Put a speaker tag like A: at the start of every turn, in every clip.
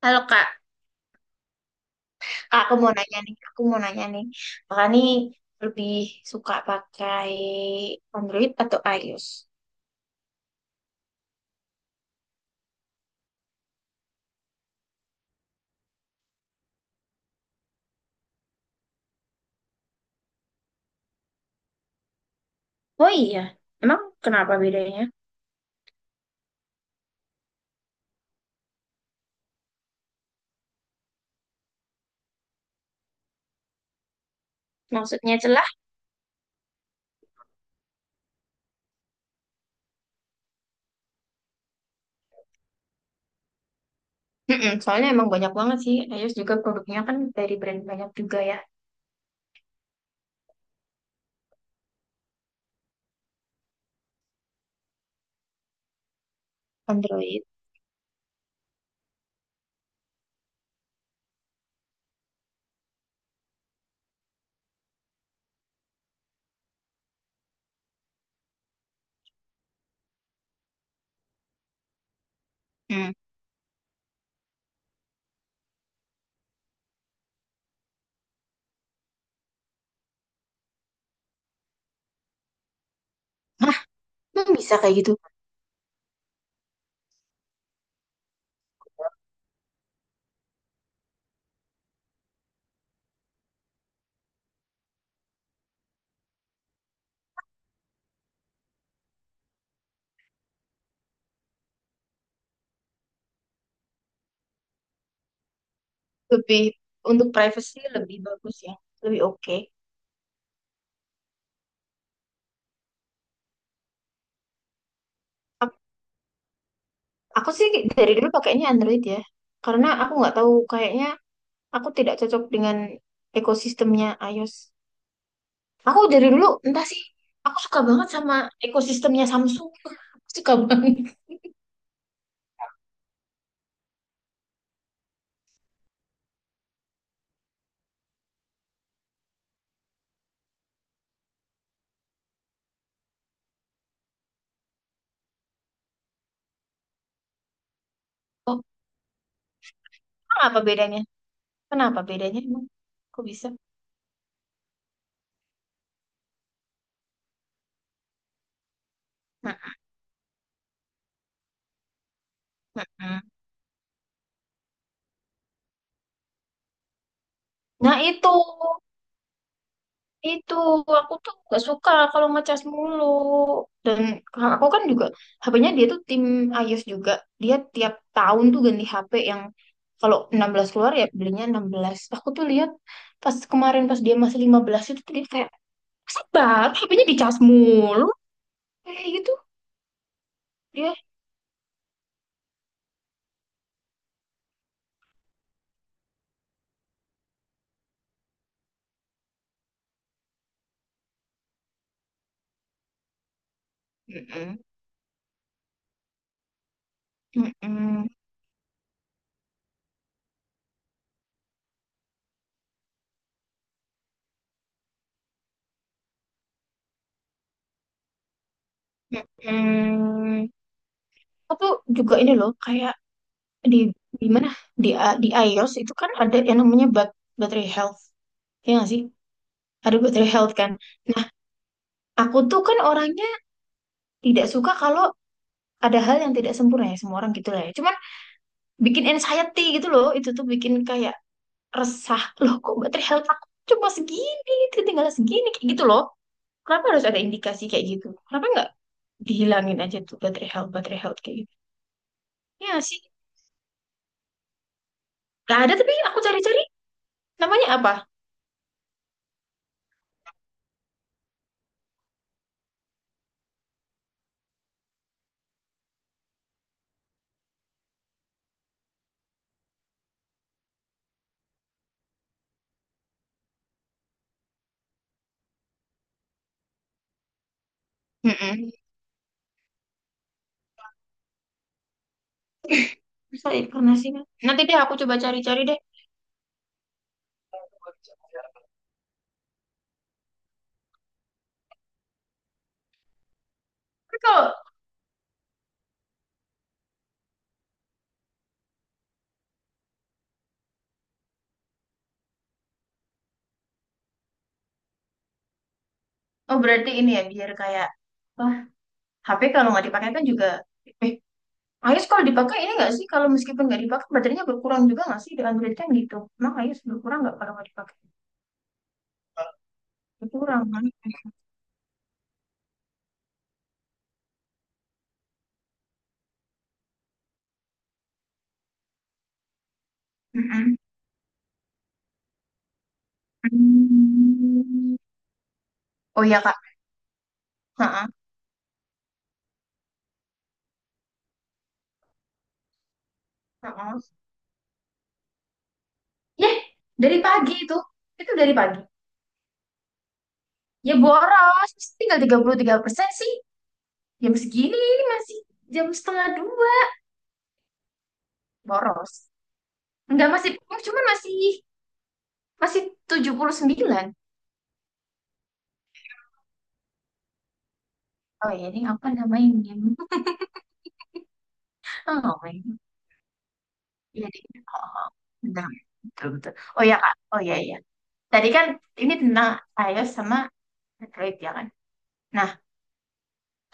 A: Halo Kak, aku mau nanya nih, Kakak nih lebih suka pakai Android atau iOS? Oh iya, emang kenapa bedanya? Maksudnya celah? Mm-mm, soalnya emang banyak banget sih, iOS juga produknya kan dari brand banyak juga ya, Android. Hmm. Hah, emang bisa kayak gitu? Lebih, untuk privacy lebih bagus ya, lebih oke. Ak- Aku sih dari dulu pakainya Android ya, karena aku nggak tahu kayaknya. Aku tidak cocok dengan ekosistemnya iOS. Aku dari dulu entah sih. Aku suka banget sama ekosistemnya Samsung. Aku suka banget. Oh, apa bedanya? Kenapa bedanya, emang? Kok bisa? Nah, mm-mm. Nah, itu aku tuh gak suka kalau ngecas mulu. Dan aku kan juga HP-nya dia tuh tim iOS juga. Dia tiap tahun tuh ganti HP yang kalau 16 keluar ya belinya 16. Aku tuh lihat pas kemarin pas dia masih 15 itu tuh dia kayak, sabar, HP-nya dicas mulu. Kayak gitu, dia. Mm-mm. Mm-mm. Mm-mm. Atau juga ini loh, kayak di, di mana? Di iOS itu kan ada yang namanya battery health. Ya nggak sih? Ada battery health kan. Nah, aku tuh kan orangnya tidak suka kalau ada hal yang tidak sempurna ya. Semua orang gitu lah ya. Cuman bikin anxiety gitu loh. Itu tuh bikin kayak resah. Loh kok battery health aku cuma segini, tinggal segini. Kayak gitu loh. Kenapa harus ada indikasi kayak gitu? Kenapa nggak dihilangin aja tuh baterai health kayak gitu? Ya nggak sih, nggak ada tapi aku cari-cari namanya apa? Mm-mm. Masa inkarnasi kan? Nanti deh aku coba cari-cari deh. Tapi kalau Oh, berarti ini ya biar kayak wah, HP kalau nggak dipakai kan juga eh iOS kalau dipakai ini nggak sih, kalau meskipun nggak dipakai baterainya berkurang juga nggak sih, di Android kan gitu. Emang iOS berkurang nggak kalau nggak dipakai? Berkurang kan? Mm-mm. Hmm. Oh iya, Kak. Ha-ha. Ha-ha. Ya, dari pagi itu. Itu dari pagi. Ya boros, tinggal tiga tiga puluh tiga persen sih. Jam segini ini masih jam setengah dua. Boros. Enggak masih, cuman masih masih 79. Oh ya, ini apa namanya? Oh my God. Iya, deh. Oh, oh, benar. Betul, betul. Oh ya, Kak. Oh ya, ya. Tadi kan ini tentang iOS sama Android ya kan? Nah,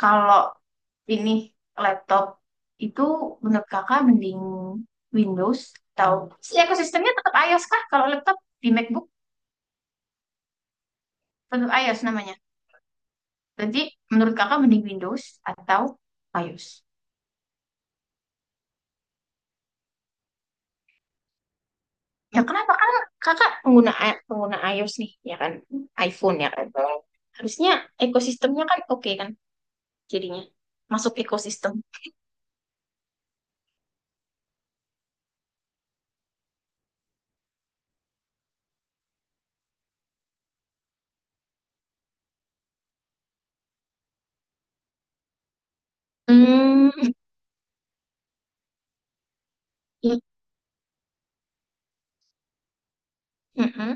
A: kalau ini laptop itu menurut kakak mending Windows atau si ekosistemnya tetap iOS kah? Kalau laptop di MacBook tetap iOS namanya. Jadi menurut kakak mending Windows atau iOS? Ya kenapa? Kan kakak pengguna iOS nih, ya kan? iPhone ya kan? Harusnya ekosistemnya kan oke kan jadinya. Masuk ekosistem. Hmm. i- mm-mm.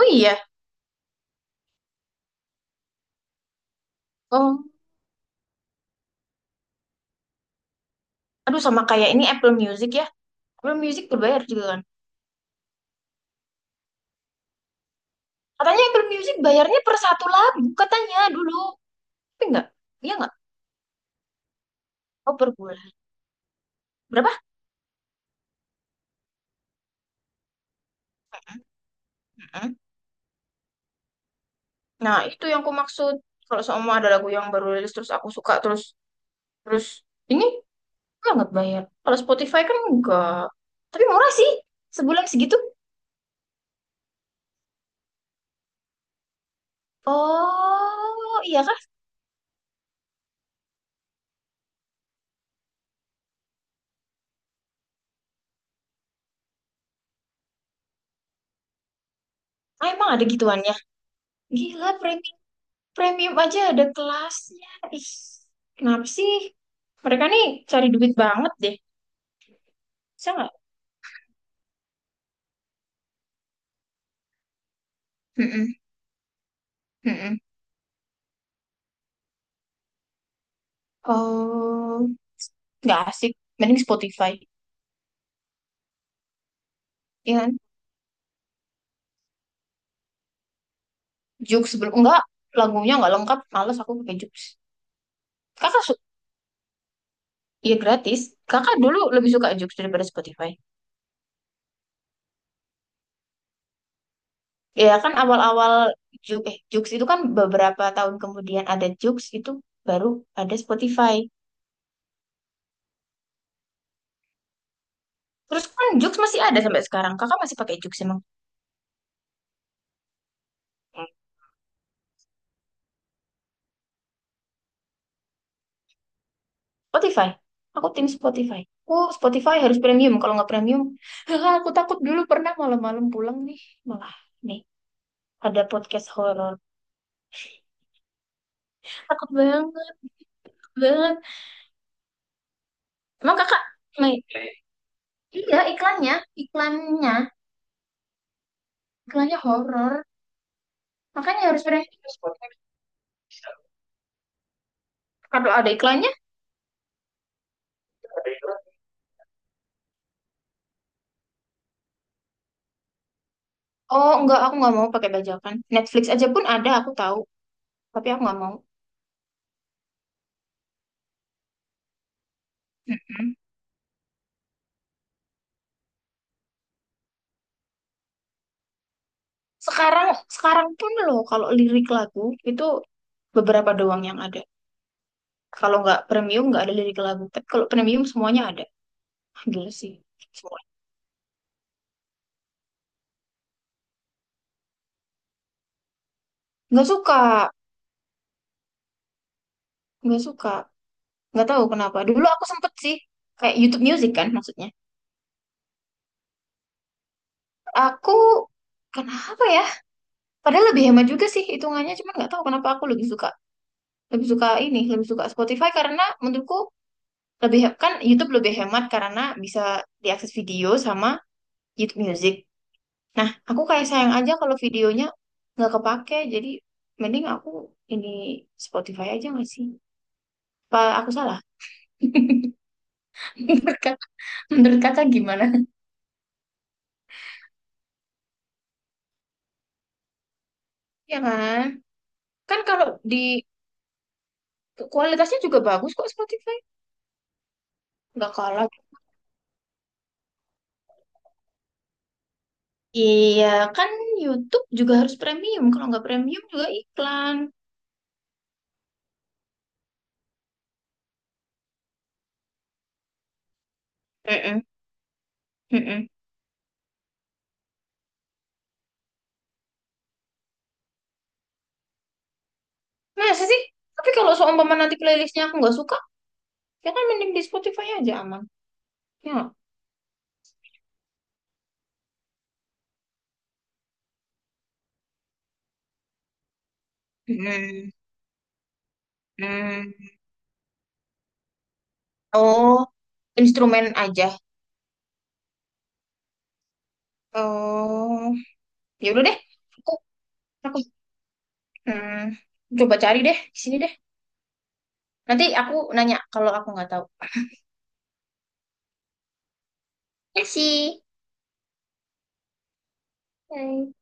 A: Oh iya. Oh, aduh, sama kayak ini Apple Music ya. Apple Music berbayar juga kan? Katanya Apple Music bayarnya per satu lagu, katanya dulu. Tapi enggak, iya enggak? Oh, per bulan. Berapa? Mm-mm. Nah, itu yang aku maksud. Kalau semua ada lagu yang baru rilis terus aku suka terus terus ini banget bayar. Kalau Spotify kan enggak. Tapi murah sih. Sebulan segitu. Oh, iya kah? Ah, emang ada gituannya. Gila, premium premium aja ada kelasnya. Ih, kenapa sih? Mereka nih cari duit banget deh. Bisa nggak? Mm-mm. Mm-mm. Oh, nggak asik, mending Spotify ya kan. Joox, sebelum enggak, lagunya nggak lengkap, males aku pakai Jux. Kakak su Ya, gratis. Kakak dulu lebih suka Jux daripada Spotify, ya kan? Awal-awal Jux, Jux itu kan beberapa tahun kemudian ada Jux, itu baru ada Spotify. Terus kan Jux masih ada sampai sekarang, kakak masih pakai Jux emang? Spotify, aku tim Spotify. Aku, Spotify harus premium, kalau nggak premium aku takut. Dulu pernah malam-malam pulang nih, malah nih ada podcast horor, takut banget banget. Emang kakak, main- iya, iklannya, iklannya, horor. Makanya harus berani. Kalau ada iklannya, oh enggak, aku nggak mau pakai bajakan. Netflix aja pun ada, aku tahu, tapi aku nggak mau. Mm-mm. Sekarang, sekarang pun loh, kalau lirik lagu itu beberapa doang yang ada. Kalau nggak premium nggak ada lirik lagu. Tapi kalau premium semuanya ada. Ah, gila sih. Semua. Nggak suka, nggak suka, nggak tahu kenapa. Dulu aku sempet sih kayak YouTube Music kan maksudnya. Aku kenapa ya? Padahal lebih hemat juga sih hitungannya, cuman nggak tahu kenapa aku lebih suka ini, lebih suka Spotify karena menurutku kan YouTube lebih hemat karena bisa diakses video sama YouTube Music. Nah, aku kayak sayang aja kalau videonya nggak kepake, jadi mending aku ini Spotify aja nggak sih? Apa aku salah? Menurut kata, menurut kakak gimana? Ya kan? Kan kalau di kualitasnya juga bagus kok Spotify. Nggak kalah. Iya, kan YouTube juga harus premium. Kalau nggak premium juga iklan. Mm-mm, mm-mm. Masa sih? Tapi kalau seumpama nanti playlistnya aku nggak suka, ya kan mending di Spotify aja aman. Ya. Mm, mm. Oh, instrumen aja. Oh, ya udah deh. Aku, aku hmm, coba cari deh di sini deh. Nanti aku nanya kalau aku nggak tahu. Kasih. Bye.